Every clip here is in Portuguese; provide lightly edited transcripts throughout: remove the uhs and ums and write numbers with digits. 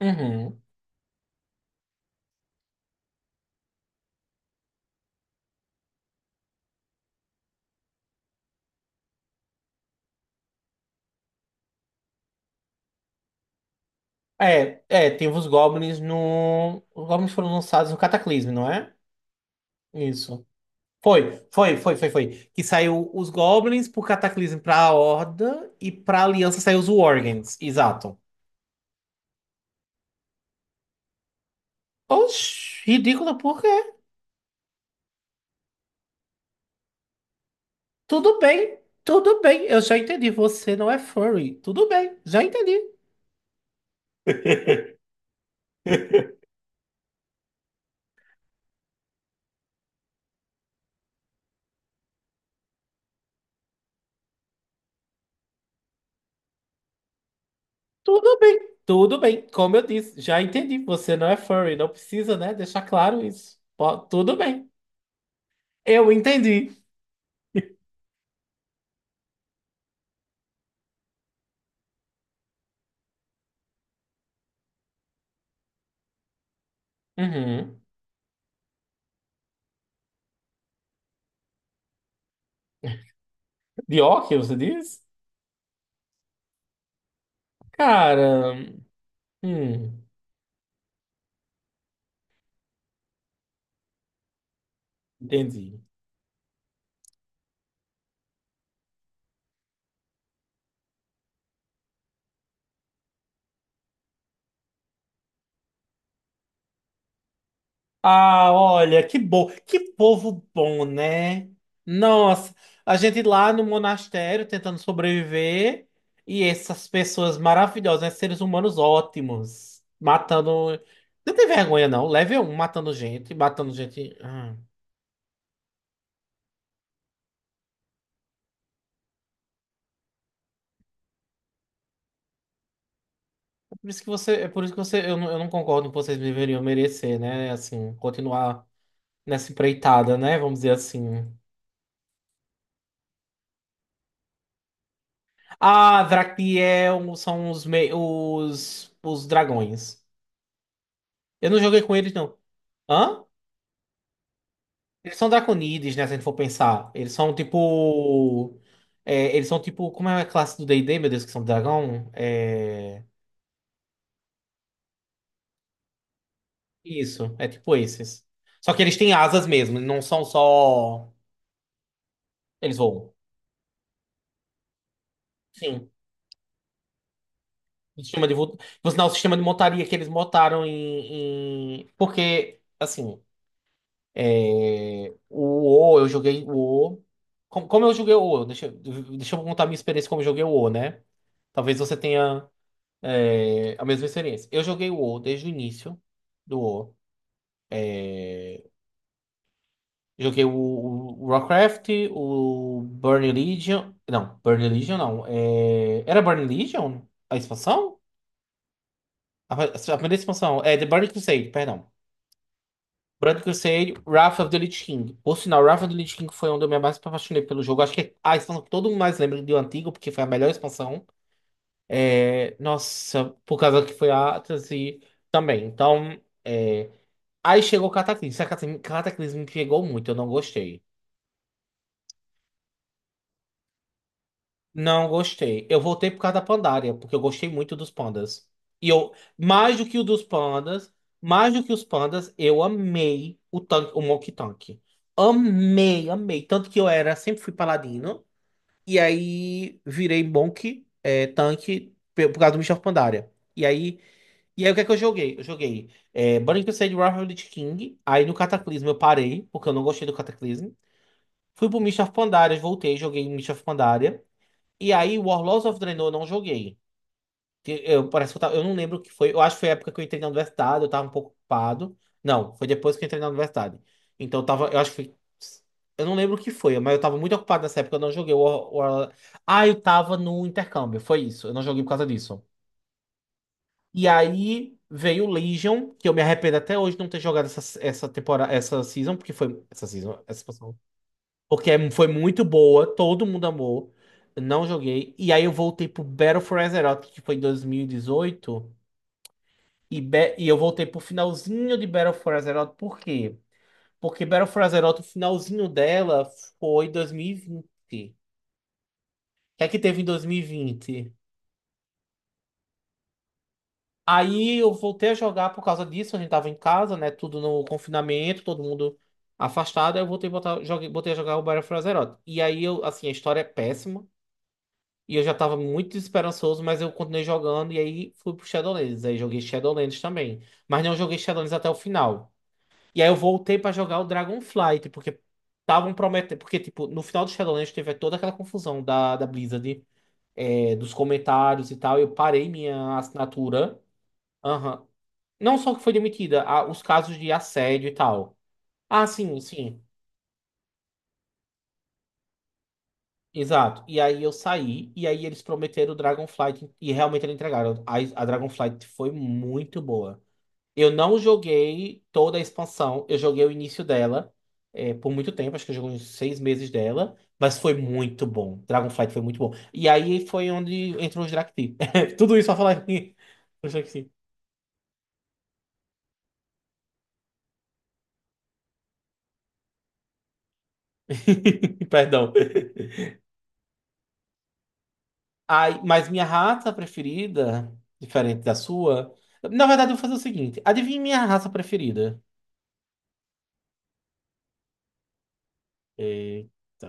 Uhum. É, tem os Goblins no. Os Goblins foram lançados no Cataclismo, não é? Isso. Foi, foi, foi, foi, foi. Que saiu os Goblins pro Cataclismo pra Horda e pra Aliança saiu os Worgens. Exato. Oxi, ridículo, por quê? Tudo bem, tudo bem. Eu já entendi. Você não é furry. Tudo bem, já entendi. Tudo bem, tudo bem. Como eu disse, já entendi. Você não é furry. Não precisa, né? Deixar claro isso. Ó, tudo bem. Eu entendi. Uhum. De óculos, você diz? Cara, hum, entendi. Ah, olha, que bom, que povo bom, né? Nossa, a gente lá no monastério tentando sobreviver e essas pessoas maravilhosas, né? Seres humanos ótimos, matando. Não tem vergonha, não. Level um matando gente, matando gente. Ah, é por isso que você, é por isso que você, eu não concordo que vocês deveriam merecer, né? Assim, continuar nessa empreitada, né? Vamos dizer assim. Ah, Drakniel são os dragões. Eu não joguei com eles, não. Hã? Eles são draconides, né? Se a gente for pensar. Eles são tipo. É, eles são tipo. Como é a classe do D&D, meu Deus, que são dragão? É. Isso, é tipo esses. Só que eles têm asas mesmo, não são só. Eles voam. Sim. O sistema de vo... Por sinal, o sistema de montaria que eles montaram em. Em... Porque, assim. É, o O, eu joguei o O. Como eu joguei o O? Deixa eu contar a minha experiência como eu joguei o O, né? Talvez você tenha a mesma experiência. Eu joguei o O desde o início do O. Joguei o Warcraft, o Burning Legion. Não, Burning Legion não. É, era Burning Legion? A expansão? A primeira expansão. É The Burning Crusade, perdão. Brand Crusade, Wrath of the Lich King. Por sinal, Wrath of the Lich King foi onde eu me mais apaixonei pelo jogo. Acho que é a expansão que todo mundo mais lembra do antigo, porque foi a melhor expansão. É, nossa, por causa que foi a Atlas e também. Então, é, aí chegou o Cataclismo. Esse Cataclismo me pegou muito, eu não gostei. Não gostei. Eu voltei por causa da Pandaria, porque eu gostei muito dos pandas. E eu, mais do que os pandas, eu amei o tanque, o Monkey Tank. Amei, amei. Tanto que eu era, sempre fui paladino. E aí virei Monk tanque, por causa do Michel Pandaria. E aí, e aí, o que é que eu joguei? Eu joguei Burning Crusade Wrath of the King. Aí no Cataclismo eu parei, porque eu não gostei do Cataclismo. Fui pro Mists of Pandaria, voltei, joguei Mists of Pandaria. E aí, Warlords of Draenor eu não joguei. Que Eu, parece que eu não lembro o que foi. Eu acho que foi a época que eu entrei na universidade, eu tava um pouco ocupado. Não, foi depois que eu entrei na universidade. Então eu tava, eu acho que foi. Eu não lembro o que foi, mas eu tava muito ocupado nessa época, eu não joguei o. Ah, eu tava no intercâmbio, foi isso. Eu não joguei por causa disso. E aí veio Legion, que eu me arrependo até hoje de não ter jogado essa temporada, essa season, porque foi. Essa season, foi muito boa, todo mundo amou. Eu não joguei. E aí eu voltei pro Battle for Azeroth, que foi em 2018. E, 18. E eu voltei pro finalzinho de Battle for Azeroth, por quê? Porque Battle for Azeroth, o finalzinho dela foi 2020. O que é que teve em 2020? Aí eu voltei a jogar por causa disso, a gente tava em casa, né? Tudo no confinamento, todo mundo afastado. Aí eu voltei a botar, joguei, botei a jogar o Battle for Azeroth. E aí eu, assim, a história é péssima. E eu já tava muito desesperançoso, mas eu continuei jogando e aí fui pro Shadowlands. Aí joguei Shadowlands também. Mas não joguei Shadowlands até o final. E aí eu voltei pra jogar o Dragonflight, porque estavam prometendo. Porque, tipo, no final do Shadowlands teve toda aquela confusão da Blizzard, dos comentários e tal. Eu parei minha assinatura. Aham. Não só que foi demitida, os casos de assédio e tal. Ah, sim, sim. Exato. E aí eu saí, e aí eles prometeram o Dragonflight, e realmente eles entregaram. A Dragonflight foi muito boa. Eu não joguei toda a expansão, eu joguei o início dela, por muito tempo, acho que eu joguei uns 6 meses dela, mas foi muito bom. Dragonflight foi muito bom. E aí foi onde entrou os Drakti. Tudo isso pra falar aqui. Os Drakti. Perdão. Ai, mas minha raça preferida, diferente da sua. Na verdade, eu vou fazer o seguinte: adivinha minha raça preferida? Eita.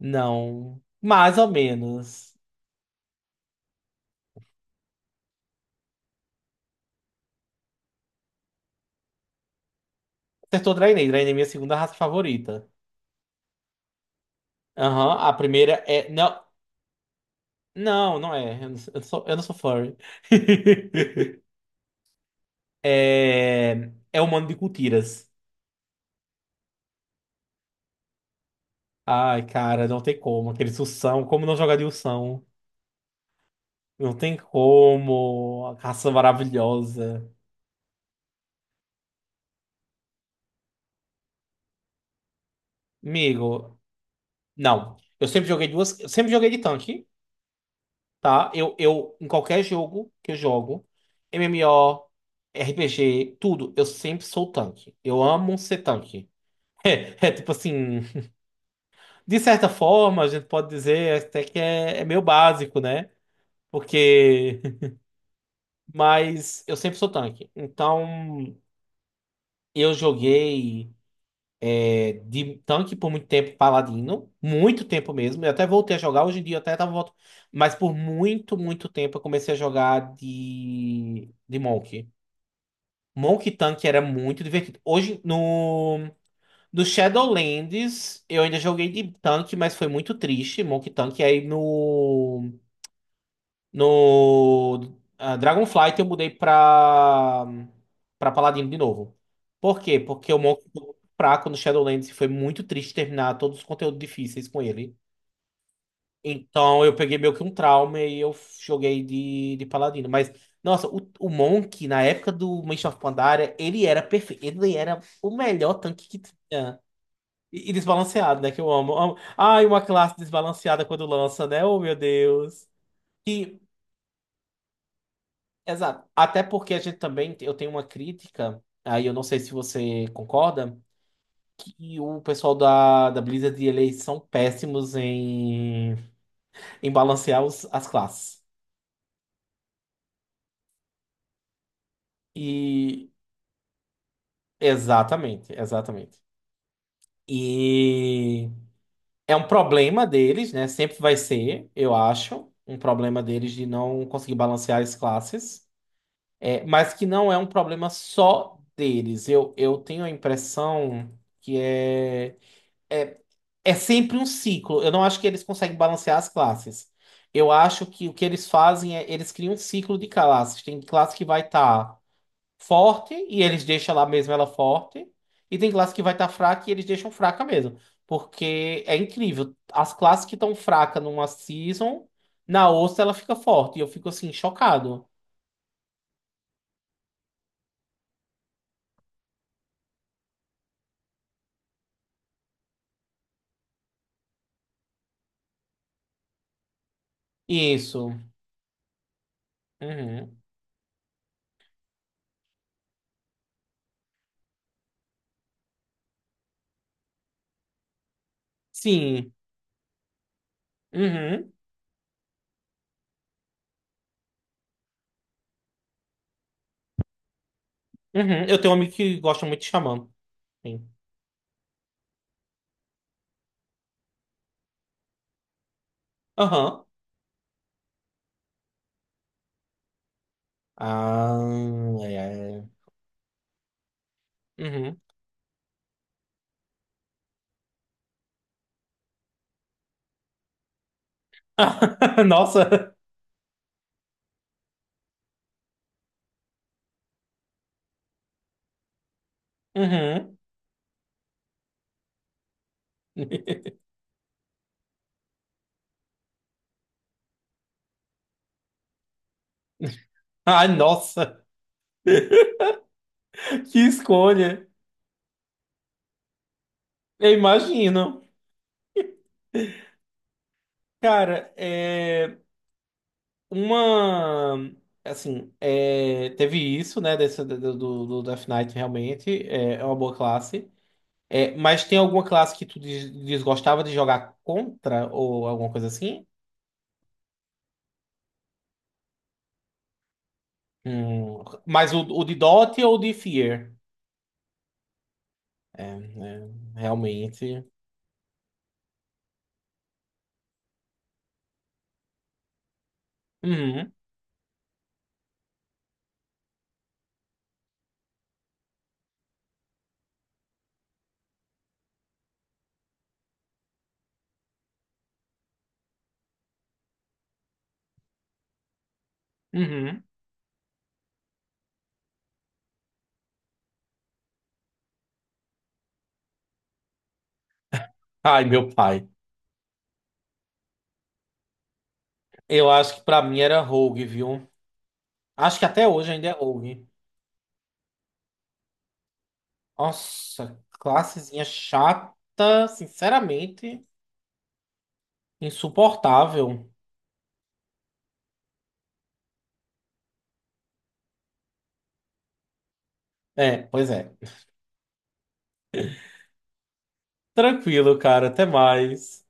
Não. Mais ou menos. Acertou Draenei. Draenei é minha segunda raça favorita. Aham, a primeira é. Não, não, não é. Eu não sou furry. É. É humano de cultiras. Ai, cara, não tem como. Aqueles Ursão, como não jogar de Ursão? Não tem como. A caça maravilhosa. Amigo, não. Eu sempre joguei duas. Eu sempre joguei de tanque. Tá? Em qualquer jogo que eu jogo, MMO, RPG, tudo, eu sempre sou o tanque. Eu amo ser tanque. É tipo assim, de certa forma, a gente pode dizer até que é meio básico, né? Porque. Mas eu sempre sou tanque. Então, eu joguei de tanque por muito tempo, paladino. Muito tempo mesmo. Eu até voltei a jogar. Hoje em dia eu até tava voltando. Mas por muito, muito tempo eu comecei a jogar de Monk. Monkey Tank era muito divertido. Hoje, no Shadowlands, eu ainda joguei de tanque, mas foi muito triste. Monkey Tank. Aí no Dragonflight eu mudei pra Paladino de novo. Por quê? Porque o Monkey foi muito fraco no Shadowlands e foi muito triste terminar todos os conteúdos difíceis com ele. Então eu peguei meio que um trauma e eu joguei de paladino. Mas, nossa, o Monk, na época do Mist of Pandaria, ele era perfeito. Ele era o melhor tanque que tinha. E desbalanceado, né? Que eu amo, amo. Ai, uma classe desbalanceada quando lança, né? Oh, meu Deus. E, exato. Até porque a gente também, eu tenho uma crítica, aí eu não sei se você concorda, que o pessoal da Blizzard, eles são péssimos em balancear as classes. E exatamente, exatamente. E é um problema deles, né? Sempre vai ser, eu acho, um problema deles de não conseguir balancear as classes, é, mas que não é um problema só deles. Eu tenho a impressão que é, é sempre um ciclo. Eu não acho que eles conseguem balancear as classes. Eu acho que o que eles fazem é eles criam um ciclo de classes. Tem classe que vai estar forte e eles deixam lá mesmo ela forte. E tem classe que vai estar fraca e eles deixam fraca mesmo. Porque é incrível. As classes que estão fracas numa season, na outra ela fica forte. E eu fico assim, chocado. Isso. Uhum. Sim. Uhum. Uhum. Eu tenho um amigo que gosta muito de Xamã. Sim. Aham. Ah, é. É. Uhum. Nossa. Uhum. Ai, nossa. Que escolha. Eu imagino. Cara, é uma assim, teve isso, né, do Death Knight realmente, é uma boa classe. É, mas tem alguma classe que tu desgostava de jogar contra ou alguma coisa assim? Mas o de Dot ou o de Fear? É, né, realmente. Uhum, uhum. Ai, meu pai. Eu acho que pra mim era Rogue, viu? Acho que até hoje ainda é Rogue. Nossa, classezinha chata, sinceramente, insuportável. É, pois é. Tranquilo, cara, até mais.